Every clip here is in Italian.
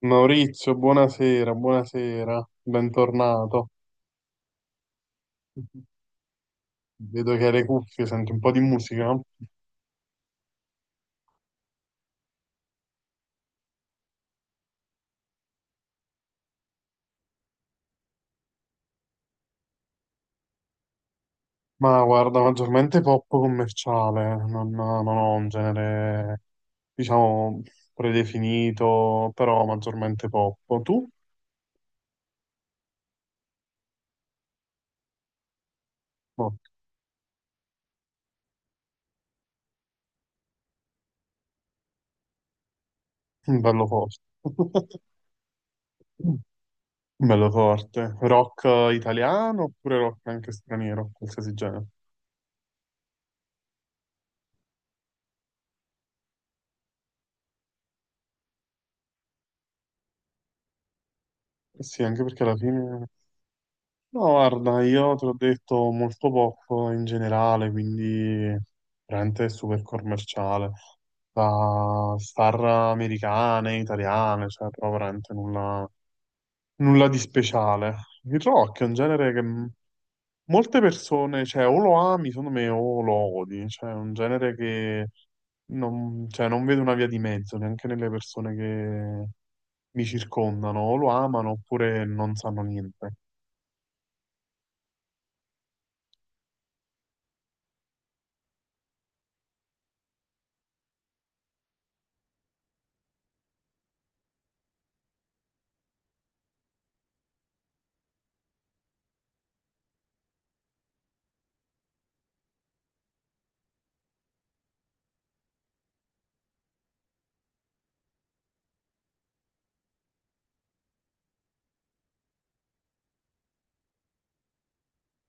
Maurizio, buonasera, buonasera, bentornato. Vedo che hai le cuffie, senti un po' di musica, ma guarda, maggiormente pop commerciale, non ho un genere, diciamo, predefinito, però maggiormente pop. Tu? No, bello forte. Bello forte. Rock italiano oppure rock anche straniero, qualsiasi genere? Eh sì, anche perché alla fine... No, guarda, io te l'ho detto molto poco in generale, quindi veramente super commerciale, da star americane, italiane, cioè proprio veramente nulla, nulla di speciale. Il rock è un genere che molte persone, cioè o lo ami, secondo me, o lo odi, cioè è un genere che non, cioè, non vedo una via di mezzo neanche nelle persone che mi circondano, o lo amano oppure non sanno niente.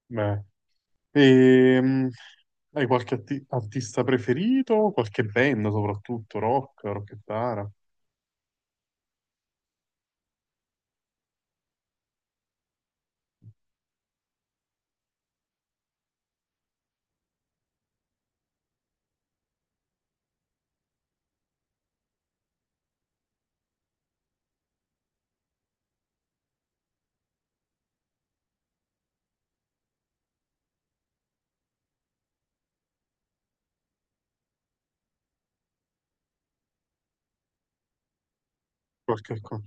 Beh. Ehm, hai qualche artista preferito? Qualche band soprattutto, rock, rockettara? Qualche cosa?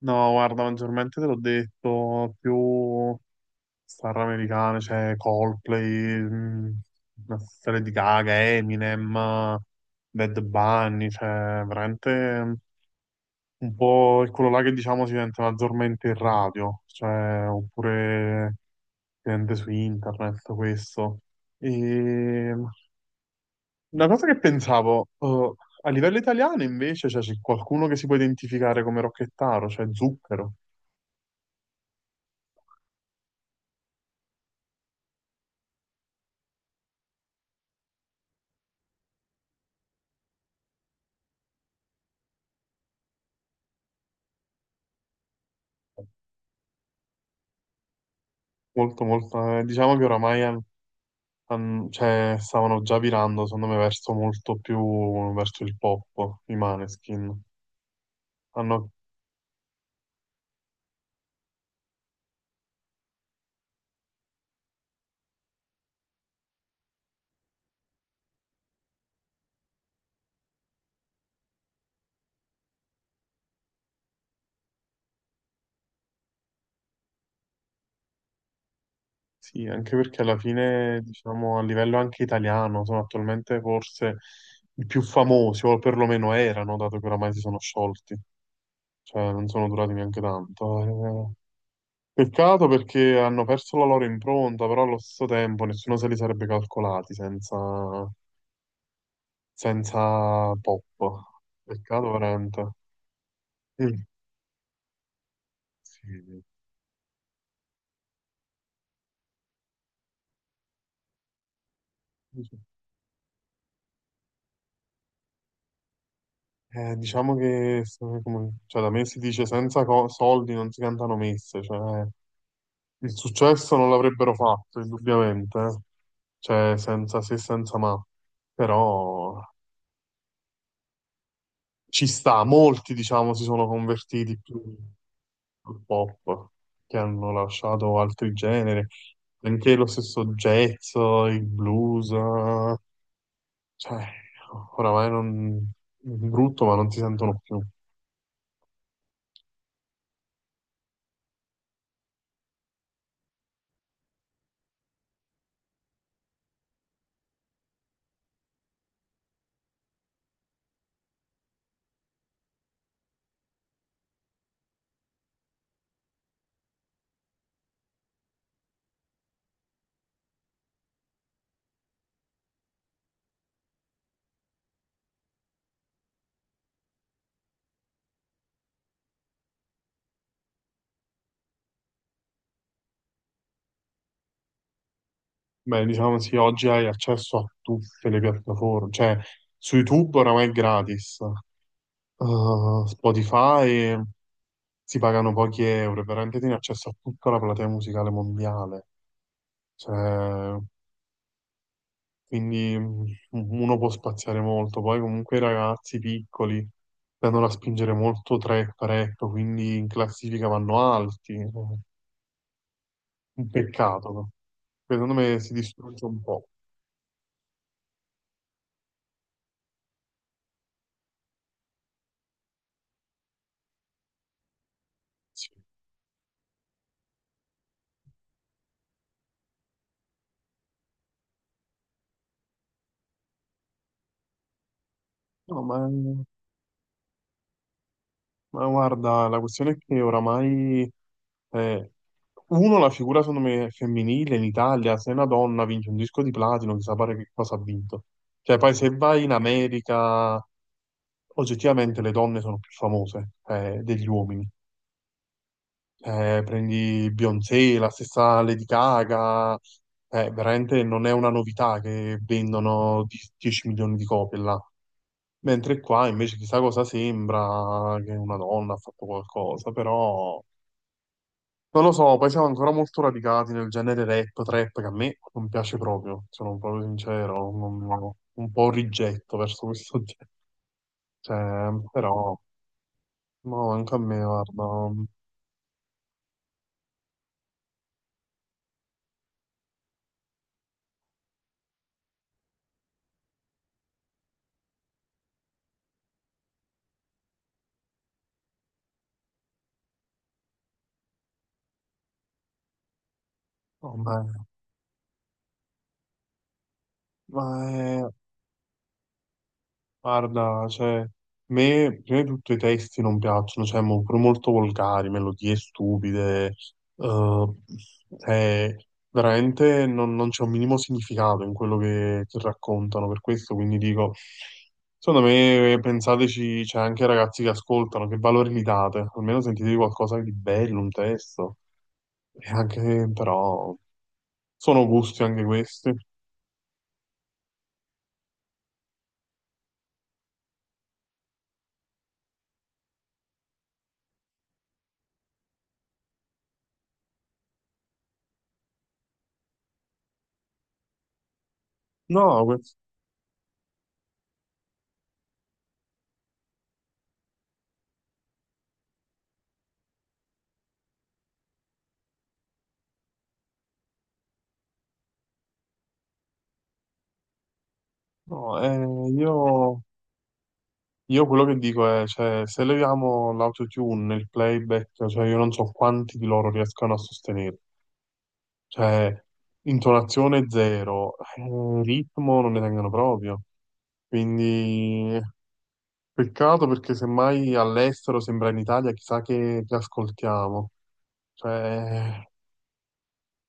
No, guarda, maggiormente te l'ho detto, più star americane, cioè Coldplay, una serie di Gaga, Eminem, Bad Bunny, cioè veramente mh, un po' è quello là che diciamo si sente maggiormente in radio, cioè oppure si sente su internet questo. E una cosa che pensavo, a livello italiano invece, cioè, c'è qualcuno che si può identificare come Rocchettaro, cioè Zucchero, molto, molto, diciamo che oramai cioè, stavano già virando, secondo me, verso molto più, verso il pop, i Maneskin. Hanno, sì, anche perché alla fine, diciamo, a livello anche italiano, sono attualmente forse i più famosi, o perlomeno erano, dato che oramai si sono sciolti, cioè non sono durati neanche tanto. Eh. Peccato perché hanno perso la loro impronta, però allo stesso tempo nessuno se li sarebbe calcolati senza, senza pop. Peccato veramente. Mm, sì. Diciamo che cioè, da me si dice senza soldi non si cantano messe, cioè il successo non l'avrebbero fatto, indubbiamente, eh, cioè senza se e senza ma, però ci sta, molti diciamo si sono convertiti più al pop, che hanno lasciato altri generi, anche lo stesso jazz, il blues, cioè, oramai non... brutto, ma non si sentono più. Beh, diciamo sì, oggi hai accesso a tutte le piattaforme, cioè su YouTube oramai è gratis, Spotify si pagano pochi euro, e veramente tieni accesso a tutta la platea musicale mondiale, cioè... quindi mm, uno può spaziare molto. Poi comunque i ragazzi piccoli tendono a spingere molto trap, rap, quindi in classifica vanno alti. Un peccato, secondo me si distrugge un po'. Sì. No, ma guarda, la questione è che oramai, eh, uno, la figura secondo me è femminile in Italia, se una donna vince un disco di platino, chissà pare che cosa ha vinto. Cioè, poi se vai in America oggettivamente le donne sono più famose degli uomini. Prendi Beyoncé, la stessa Lady Gaga, veramente non è una novità che vendono 10 milioni di copie là. Mentre qua invece chissà cosa sembra che una donna ha fatto qualcosa, però non lo so, poi siamo ancora molto radicati nel genere rap, trap, che a me non piace proprio, sono proprio sincero, un po' rigetto verso questo genere. Cioè, però, no, anche a me, guarda, No, ma è- guarda, cioè, a me prima di tutto i testi non piacciono, cioè, pure molto volgari, melodie stupide, eh, cioè, veramente non c'è un minimo significato in quello che raccontano, per questo quindi dico, secondo me pensateci, c'è anche ai ragazzi che ascoltano, che valore gli date, almeno sentitevi qualcosa di bello, un testo, e anche però sono gusti anche questi. No, que- no, io quello che dico è, cioè, se leviamo l'autotune, il playback, cioè io non so quanti di loro riescano a sostenere. Cioè, intonazione zero, ritmo non ne tengono proprio. Quindi, peccato perché semmai all'estero sembra in Italia, chissà che ascoltiamo. Cioè,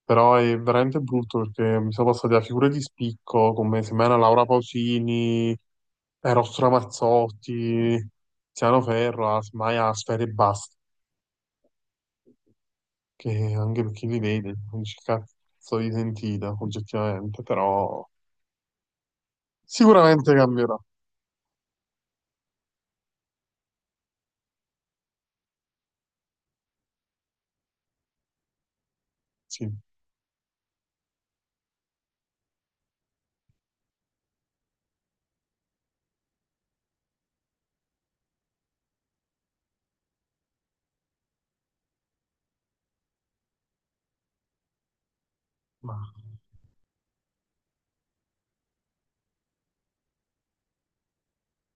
però è veramente brutto perché mi sono passati da figure di spicco come semmai una Laura Pausini, Eros Ramazzotti, Tiziano Ferro, a, semmai a Sfera e basta che anche perché li vedi, non dici cazzo di sentita, oggettivamente, però sicuramente cambierà, sì, ma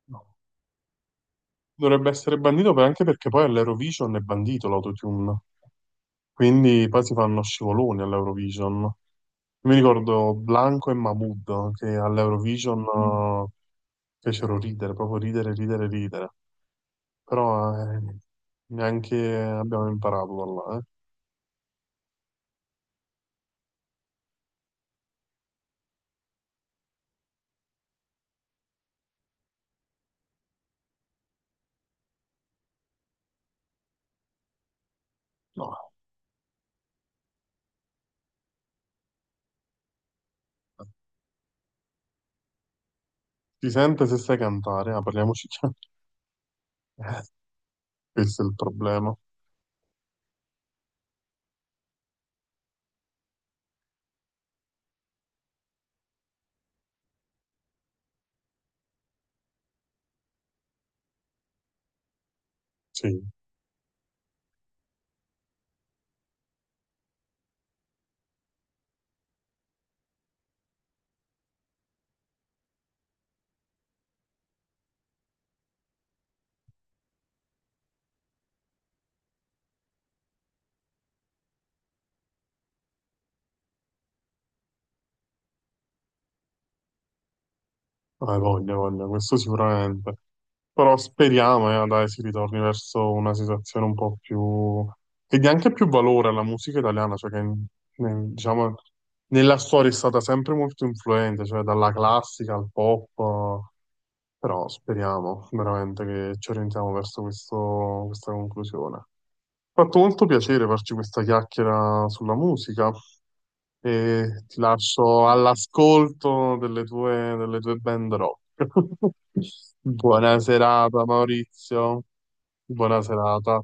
no. Dovrebbe essere bandito anche perché poi all'Eurovision è bandito l'autotune, quindi poi si fanno scivoloni all'Eurovision. Mi ricordo Blanco e Mahmood che all'Eurovision mm, fecero ridere, proprio ridere, ridere, ridere. Però neanche abbiamo imparato da là, eh. No, si sente se sai cantare, ah, parliamoci. Questo è il problema. Sì, hai voglia, voglia, questo sicuramente. Però speriamo, dai, si ritorni verso una situazione un po' più... che dia anche più valore alla musica italiana, cioè che, diciamo, nella storia è stata sempre molto influente, cioè dalla classica al pop, però speriamo veramente che ci orientiamo verso questa conclusione. Mi ha fatto molto piacere farci questa chiacchiera sulla musica e ti lascio all'ascolto delle tue band rock. Buona serata, Maurizio. Buona serata.